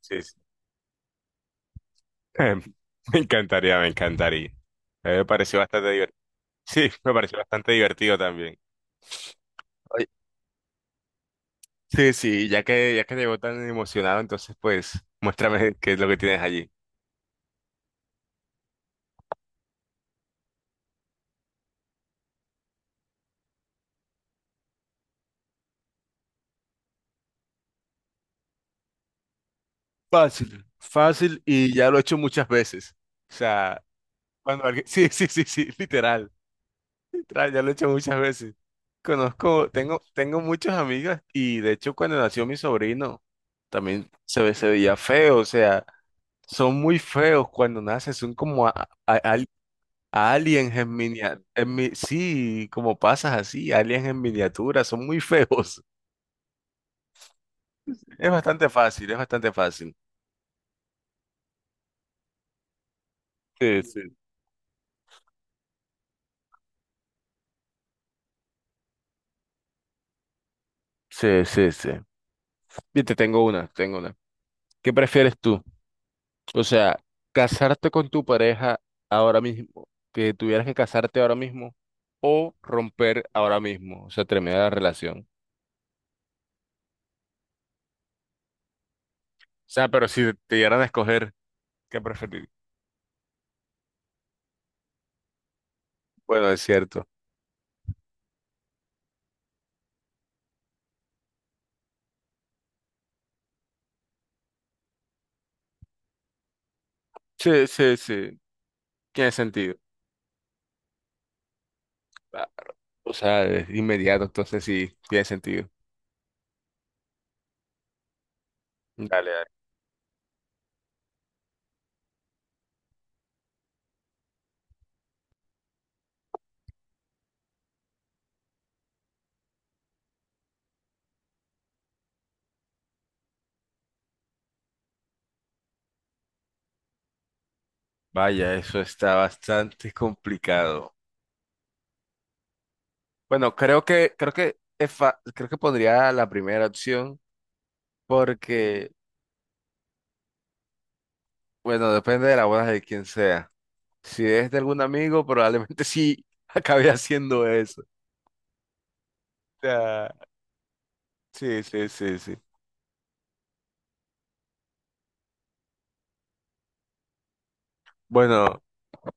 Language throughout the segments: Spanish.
Sí, sí. Me encantaría, me encantaría. A mí me pareció bastante divertido. Sí, me pareció bastante divertido también. Oye, sí, sí, ya que llegó tan emocionado, entonces pues muéstrame qué es lo que tienes allí. Fácil, fácil y ya lo he hecho muchas veces. O sea, cuando alguien. Sí, sí, sí, sí, literal. Literal, ya lo he hecho muchas veces. Conozco, tengo muchas amigas y de hecho cuando nació mi sobrino también se veía feo, o sea. Son muy feos cuando nacen, son como aliens en miniatura. Sí, como pasas así, aliens en miniatura, son muy feos. Es bastante fácil, es bastante fácil. Sí, sí. Sí, sí, sí. Bien, te tengo una, te tengo una. ¿Qué prefieres tú? O sea, casarte con tu pareja ahora mismo, que tuvieras que casarte ahora mismo, o romper ahora mismo, o sea, terminar la relación. O sea, pero si te dieran a escoger, ¿qué preferirías? Bueno, es cierto. Sí, sí, sí. Tiene sentido. Ah, o sea, es inmediato, entonces sí, tiene sentido. Dale, dale. Vaya, eso está bastante complicado. Bueno, creo que pondría la primera opción porque, bueno, depende de la boda de quien sea. Si es de algún amigo, probablemente sí acabe haciendo eso. O sea, sí, sí, sí, sí. Bueno,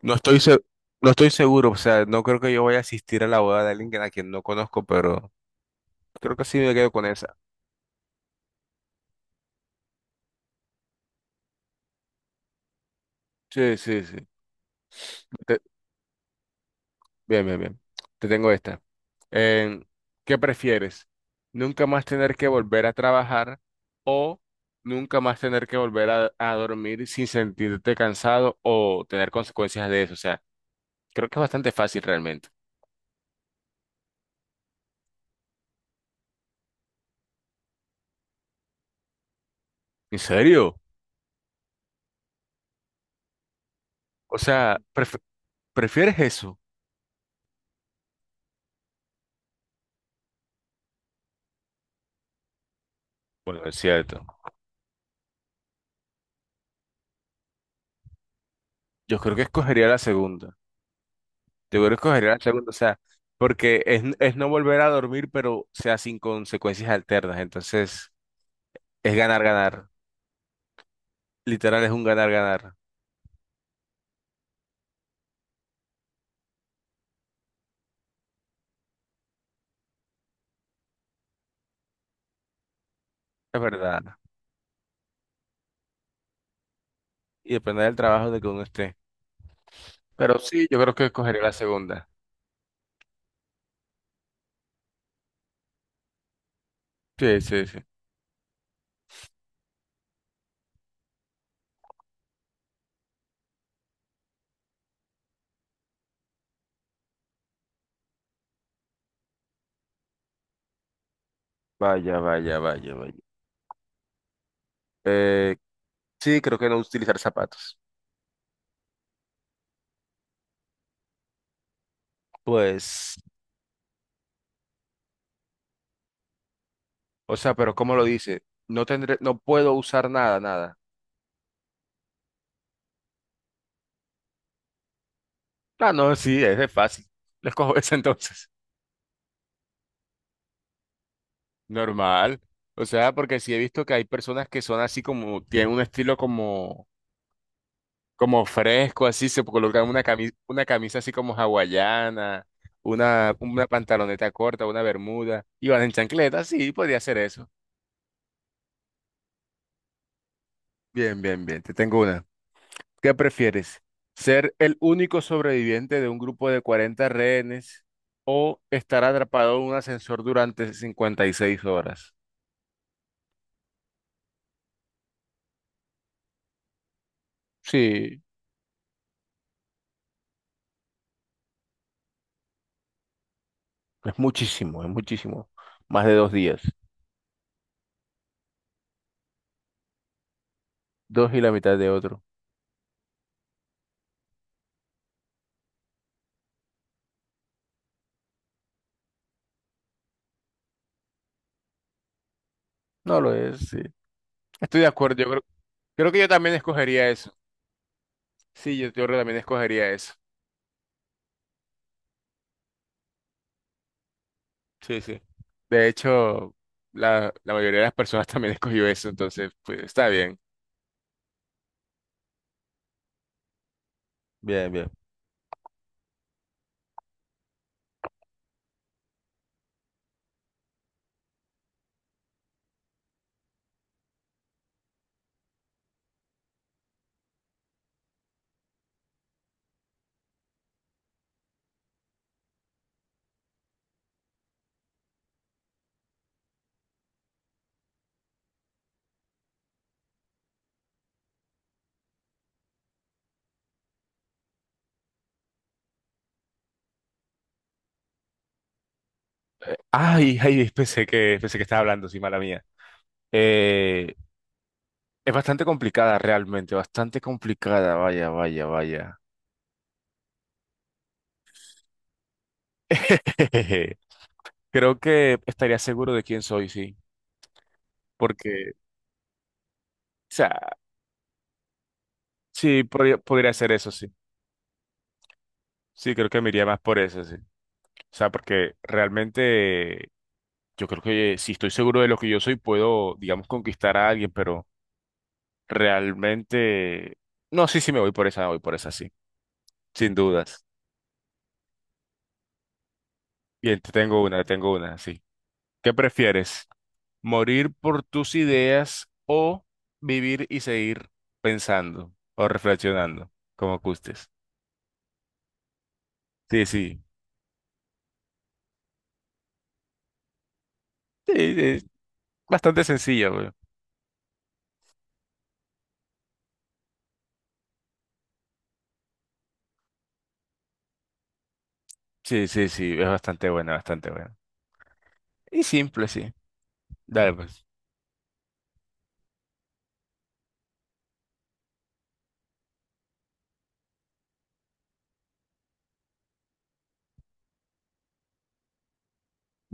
no estoy se- no estoy seguro, o sea, no creo que yo vaya a asistir a la boda de alguien a quien no conozco, pero creo que sí me quedo con esa. Sí, sí, sí. Te- Bien, bien, bien. Te tengo esta. En- ¿Qué prefieres? ¿Nunca más tener que volver a trabajar o nunca más tener que volver a dormir sin sentirte cansado o tener consecuencias de eso? O sea, creo que es bastante fácil realmente. ¿En serio? O sea, ¿prefieres eso? Bueno, es cierto. Yo creo que escogería la segunda. Yo creo que escogería la segunda, o sea, porque es no volver a dormir, pero o sea sin consecuencias alternas. Entonces, es ganar, ganar. Literal es un ganar-ganar, es verdad. Y depende del trabajo de que uno esté. Pero sí, yo creo que escogería la segunda. Sí, sí, sí. Vaya, vaya, vaya, vaya. Eh, sí, creo que no utilizar zapatos. Pues, o sea, pero ¿cómo lo dice? No puedo usar nada, nada. Ah, no, sí, es de fácil. Les cojo esa entonces. Normal. O sea, porque sí he visto que hay personas que son así como, tienen un estilo como fresco, así se coloca una camisa así como hawaiana, una pantaloneta corta, una bermuda, y van en chancleta, sí, podría ser eso. Bien, bien, bien, te tengo una. ¿Qué prefieres? ¿Ser el único sobreviviente de un grupo de 40 rehenes o estar atrapado en un ascensor durante 56 horas? Sí, es muchísimo, es muchísimo. Más de 2 días, dos y la mitad de otro. No lo es, sí. Estoy de acuerdo, yo creo que yo también escogería. Sí, yo también escogería eso. Sí, sí. De hecho, la mayoría de las personas también escogió eso, entonces, pues está bien. Bien, bien. Ay, ay, pensé que estaba hablando, sí, mala mía. Eh, es bastante complicada realmente, bastante complicada, vaya, vaya, vaya. Creo que estaría seguro de quién soy, sí, porque, o sea, sí, podría ser eso, sí. Sí, creo que me iría más por eso, sí. O sea, porque realmente, yo creo que si estoy seguro de lo que yo soy, puedo, digamos, conquistar a alguien, pero realmente. No, sí, sí, me voy por esa, me voy por esa, sí, sin dudas. Bien, te tengo una, sí. ¿Qué prefieres? ¿Morir por tus ideas o vivir y seguir pensando o reflexionando, como gustes? Sí, sí, sí, es bastante sencilla, güey. Sí, sí, sí, es bastante buena, bastante buena. Y simple, sí. Dale, pues.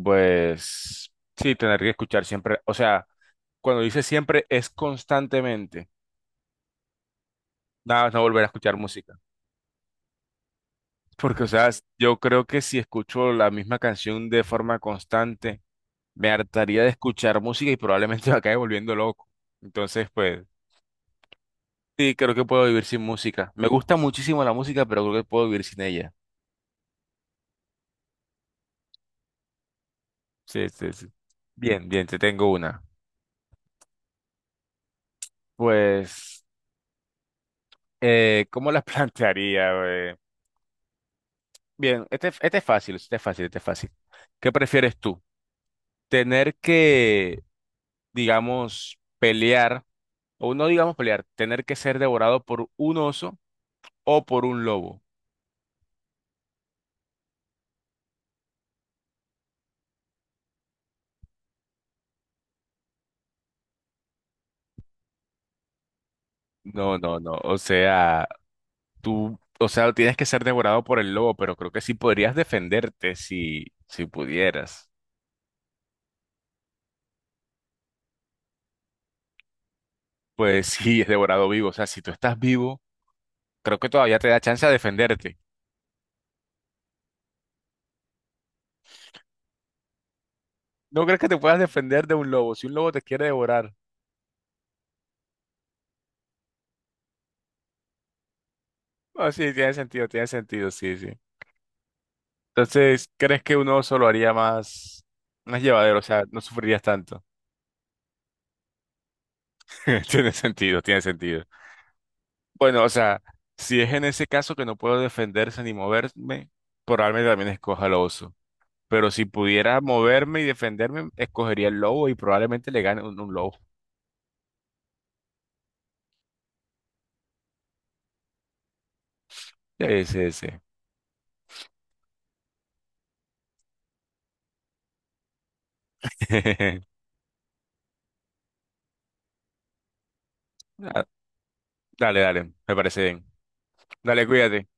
Pues sí, tener que escuchar siempre, o sea. Cuando dice siempre, es constantemente. Nada más no volver a escuchar música. Porque, o sea, yo creo que si escucho la misma canción de forma constante, me hartaría de escuchar música y probablemente me acabe volviendo loco. Entonces, pues, sí, creo que puedo vivir sin música. Me gusta muchísimo la música, pero creo que puedo vivir sin ella. Sí, sí, sí. Bien, bien, te tengo una. Pues, ¿cómo la plantearía? ¿Eh? Bien, este es fácil, este es fácil, este es fácil. ¿Qué prefieres tú? ¿Tener que digamos, pelear, o no digamos pelear, tener que ser devorado por un oso o por un lobo? No, no, no, o sea, tú, o sea, tienes que ser devorado por el lobo, pero creo que sí podrías defenderte si pudieras. Pues sí, es devorado vivo, o sea, si tú estás vivo, creo que todavía te da chance a defenderte. ¿No crees que te puedas defender de un lobo si un lobo te quiere devorar? Ah, sí, tiene sentido, sí, sí. Entonces, ¿crees que un oso lo haría más llevadero? O sea, no sufrirías tanto. Tiene sentido, tiene sentido. Bueno, o sea, si es en ese caso que no puedo defenderse ni moverme, probablemente también escoja al oso. Pero si pudiera moverme y defenderme, escogería el lobo y probablemente le gane un lobo. Sí, sí, sí. Ah, dale, dale, me parece bien. Dale, cuídate.